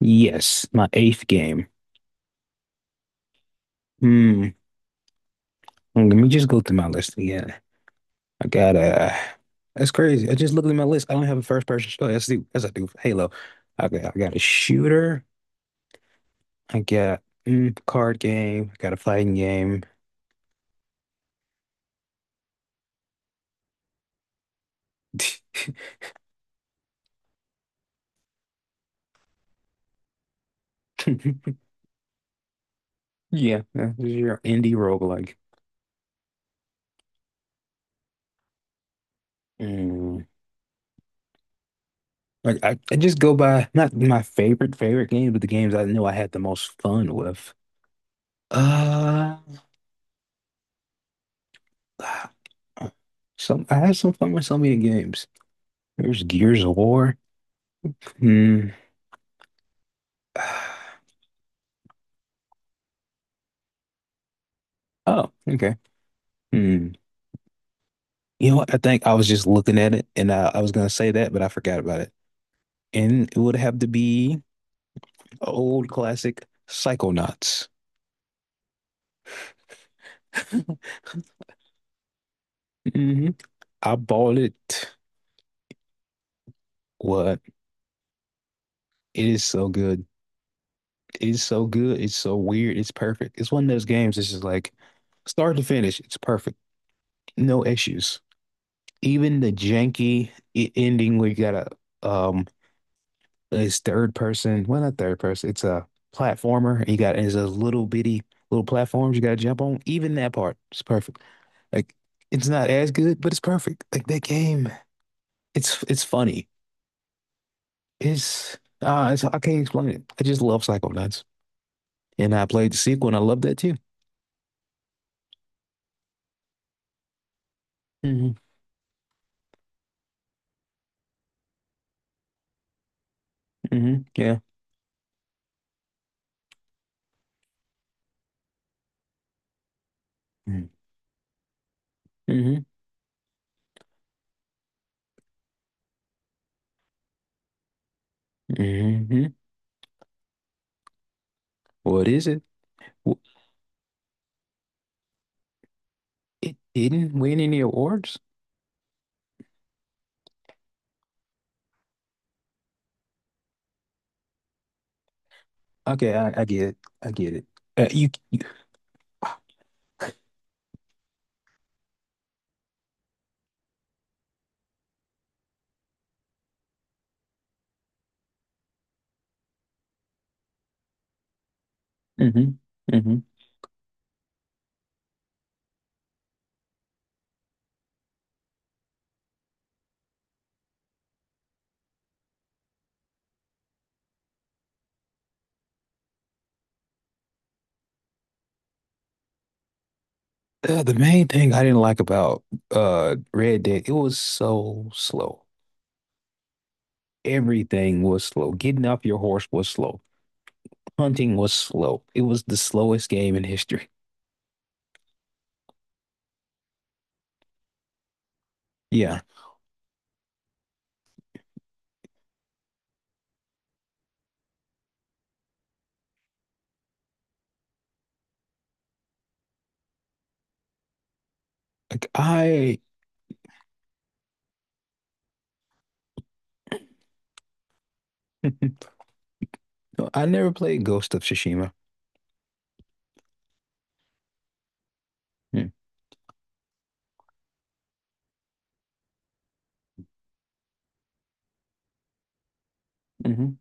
Yes, my eighth game. Hmm. Let me just go through my list again. I got a That's crazy. I just looked at my list. I don't have a first person shooter. Oh, yes, I do. Yes, I do. Halo. I got a shooter. I got card game. I got a fighting game. Yeah, that's your indie roguelike. Mm. Like I just go by not my favorite favorite games, but the games I know I had the most fun with. Uh, some I had some fun with so many games. There's Gears of War. Hmm. Oh, okay. Hmm. You know what? I think I was just looking at it and I was gonna say that, but I forgot about it. And it would have to be an Old classic Psychonauts. hmm I bought it. What? It is so good. It is so good. It's so weird. It's perfect. It's one of those games that's just like start to finish. It's perfect. No issues. Even the ending where you gotta um It's third person. Well, not third person. It's a platformer. And you got it's a little bitty little platforms you got to jump on. Even that part is perfect. Like it's not as good, but it's perfect. Like that game, it's funny. It's I can't explain it. I just love Psychonauts, and I played the sequel, and I love that too. hmm Yeah. Mm-hmm. hmm What is it? W- It didn't win any awards. Okay, I get it. I get it. You. You hmm hmm the main thing I didn't like about Red Dead, it was so slow. Everything was slow. Getting off your horse was slow. Hunting was slow. It was the slowest game in history. Yeah. Like I never played Ghost of Tsushima. Mm-hmm.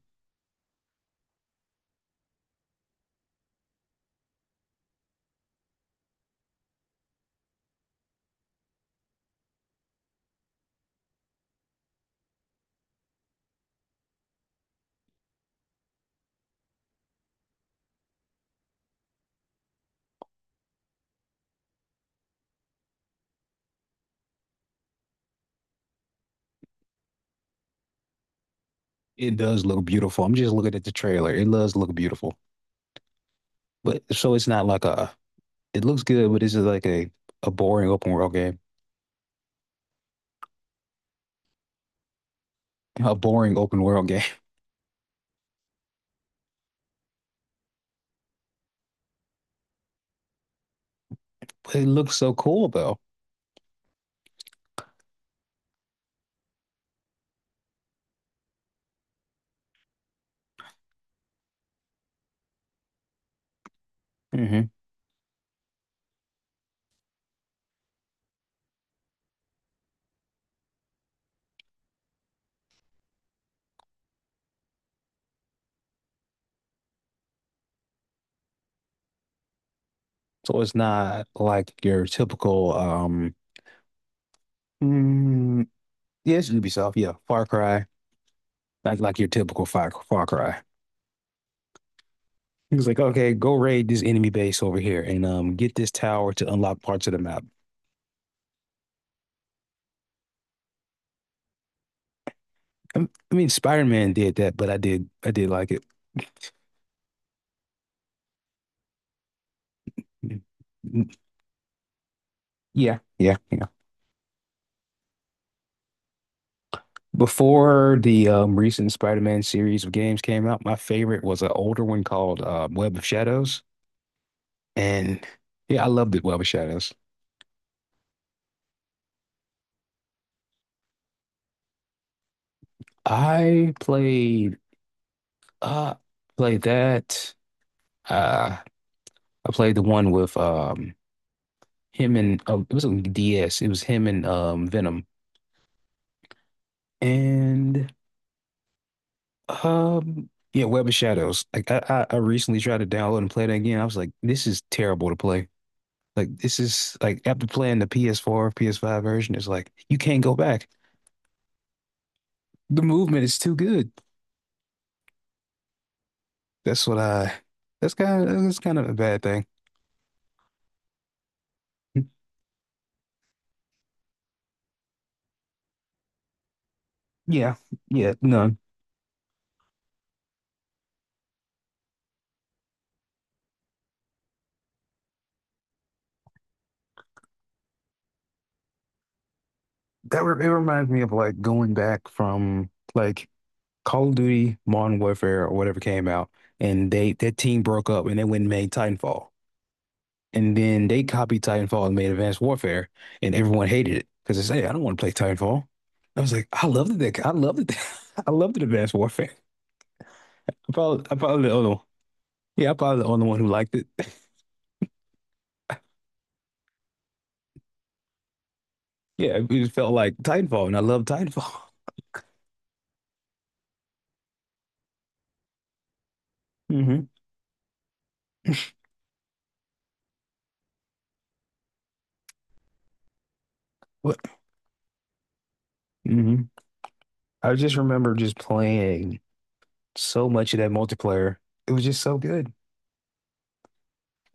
It does look beautiful. I'm just looking at the trailer. It does look beautiful. But so it's not like a it looks good, but this is like a boring open world game. A boring open world game. But it looks so cool though. So it's not like your typical mm, yeah, it's Ubisoft, yeah. Far Cry. Like your typical Far Cry. He's like, okay, go raid this enemy base over here and get this tower to unlock parts of the map. I mean Spider-Man did that, but I did like it. Yeah, yeah, yeah. Before the recent Spider-Man series of games came out, my favorite was an older one called Web of Shadows, and yeah, I loved it, Web of Shadows. I played Uh, Played that. Uh, I played the one with him and oh, it was on DS. It was him and Venom and yeah, Web of Shadows. Like I recently tried to download and play that again. I was like, this is terrible to play. Like this is like after playing the PS4, PS5 version, it's like you can't go back. The movement is too good. That's what I. That's kind of a bad thing. Yeah, yeah, no. That re It reminds me of like going back from like Call of Duty, Modern Warfare, or whatever came out, and they that team broke up and they went and made Titanfall, and then they copied Titanfall and made Advanced Warfare, and everyone hated it because they say, "Hey, I don't want to play Titanfall." I was like, I loved it. I loved it. I loved it, Advanced Warfare. I probably the only one. Yeah, I probably the only one who liked it. Yeah, it just felt like Titanfall, and I loved Titanfall. hmm What? hmm I just remember just playing so much of that multiplayer. It was just so good.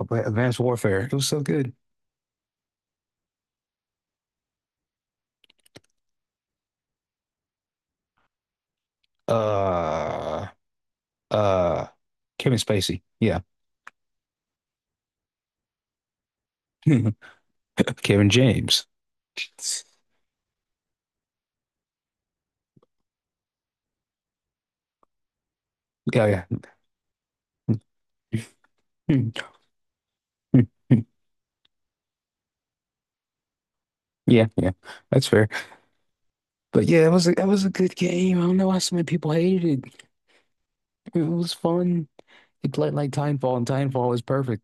Advanced Warfare. It was so good. Uh, uh, Kevin Spacey. Yeah. Kevin James. Yeah, yeah. Yeah, yeah. That's fair. But yeah, that was a good game. I don't know why so many people hated it. It was fun. It played like Timefall, and Timefall was perfect.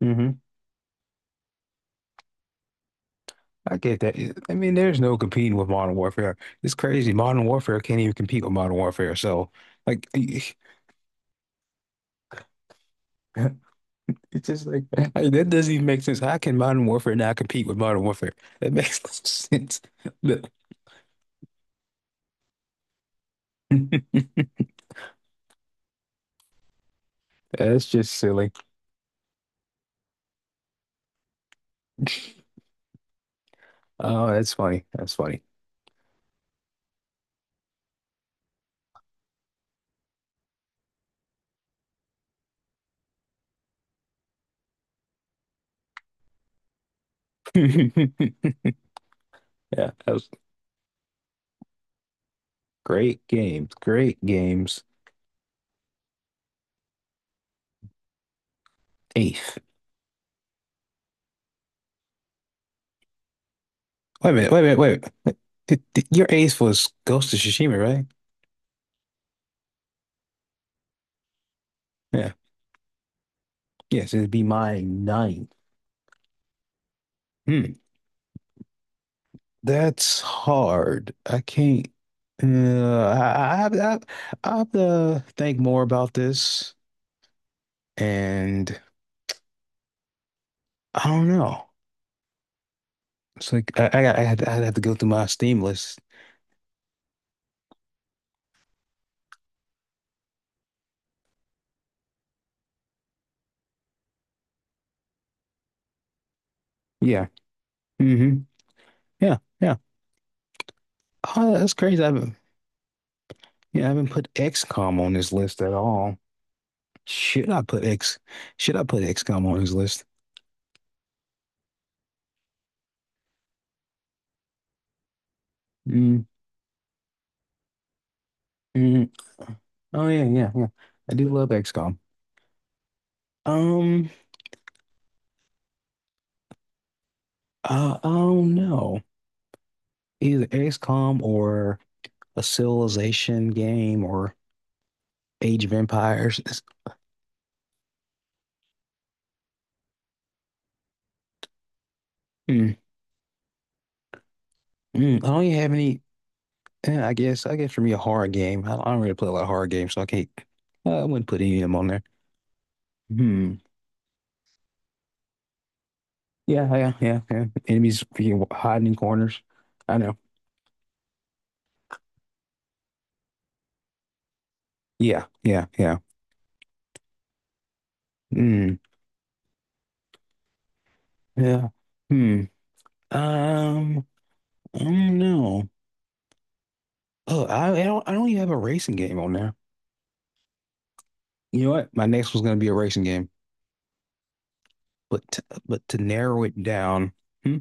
hmm I get that. I mean, there's no competing with Modern Warfare. It's crazy. Modern Warfare can't even compete with Modern Warfare. So, like, it's just like, like, that doesn't even make sense. How can Modern Warfare not compete with Modern Warfare? That makes no sense. But that's just silly. Oh, that's funny. That's funny. Yeah, that was great games. Great games. Eighth. Wait a minute. Wait a minute. Wait. A minute. Your eighth was Ghost of Tsushima, right? Yeah. Yes, it'd be my ninth. Hmm. That's hard. I can't. Uh, I, I have I, I have to think more about this, and I don't know. It's like I'd have to go through my Steam list. Yeah. hmm Yeah. Yeah. Oh, that's crazy. I haven't. Yeah, I haven't put XCOM on this list at all. Should I put X? Should I put XCOM on this list? mm mm. Oh yeah, yeah, yeah. I do love XCOM. Um, I don't know. Either XCOM or a Civilization game or Age of Empires. Mm, I don't even have any. I guess for me a horror game. I don't really play a lot of horror games, so I can't. I wouldn't put any of them on there. Hmm. Yeah, yeah, yeah, yeah. Enemies freaking hiding in corners. I know. Yeah, yeah, yeah. Hmm. Yeah. Hmm. Um. I don't know. I don't even have a racing game on there. You know what? My next was gonna be a racing game. But to narrow it down. Hmm?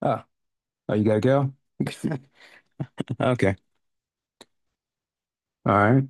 Ah, Oh, you gotta go? Okay. All right.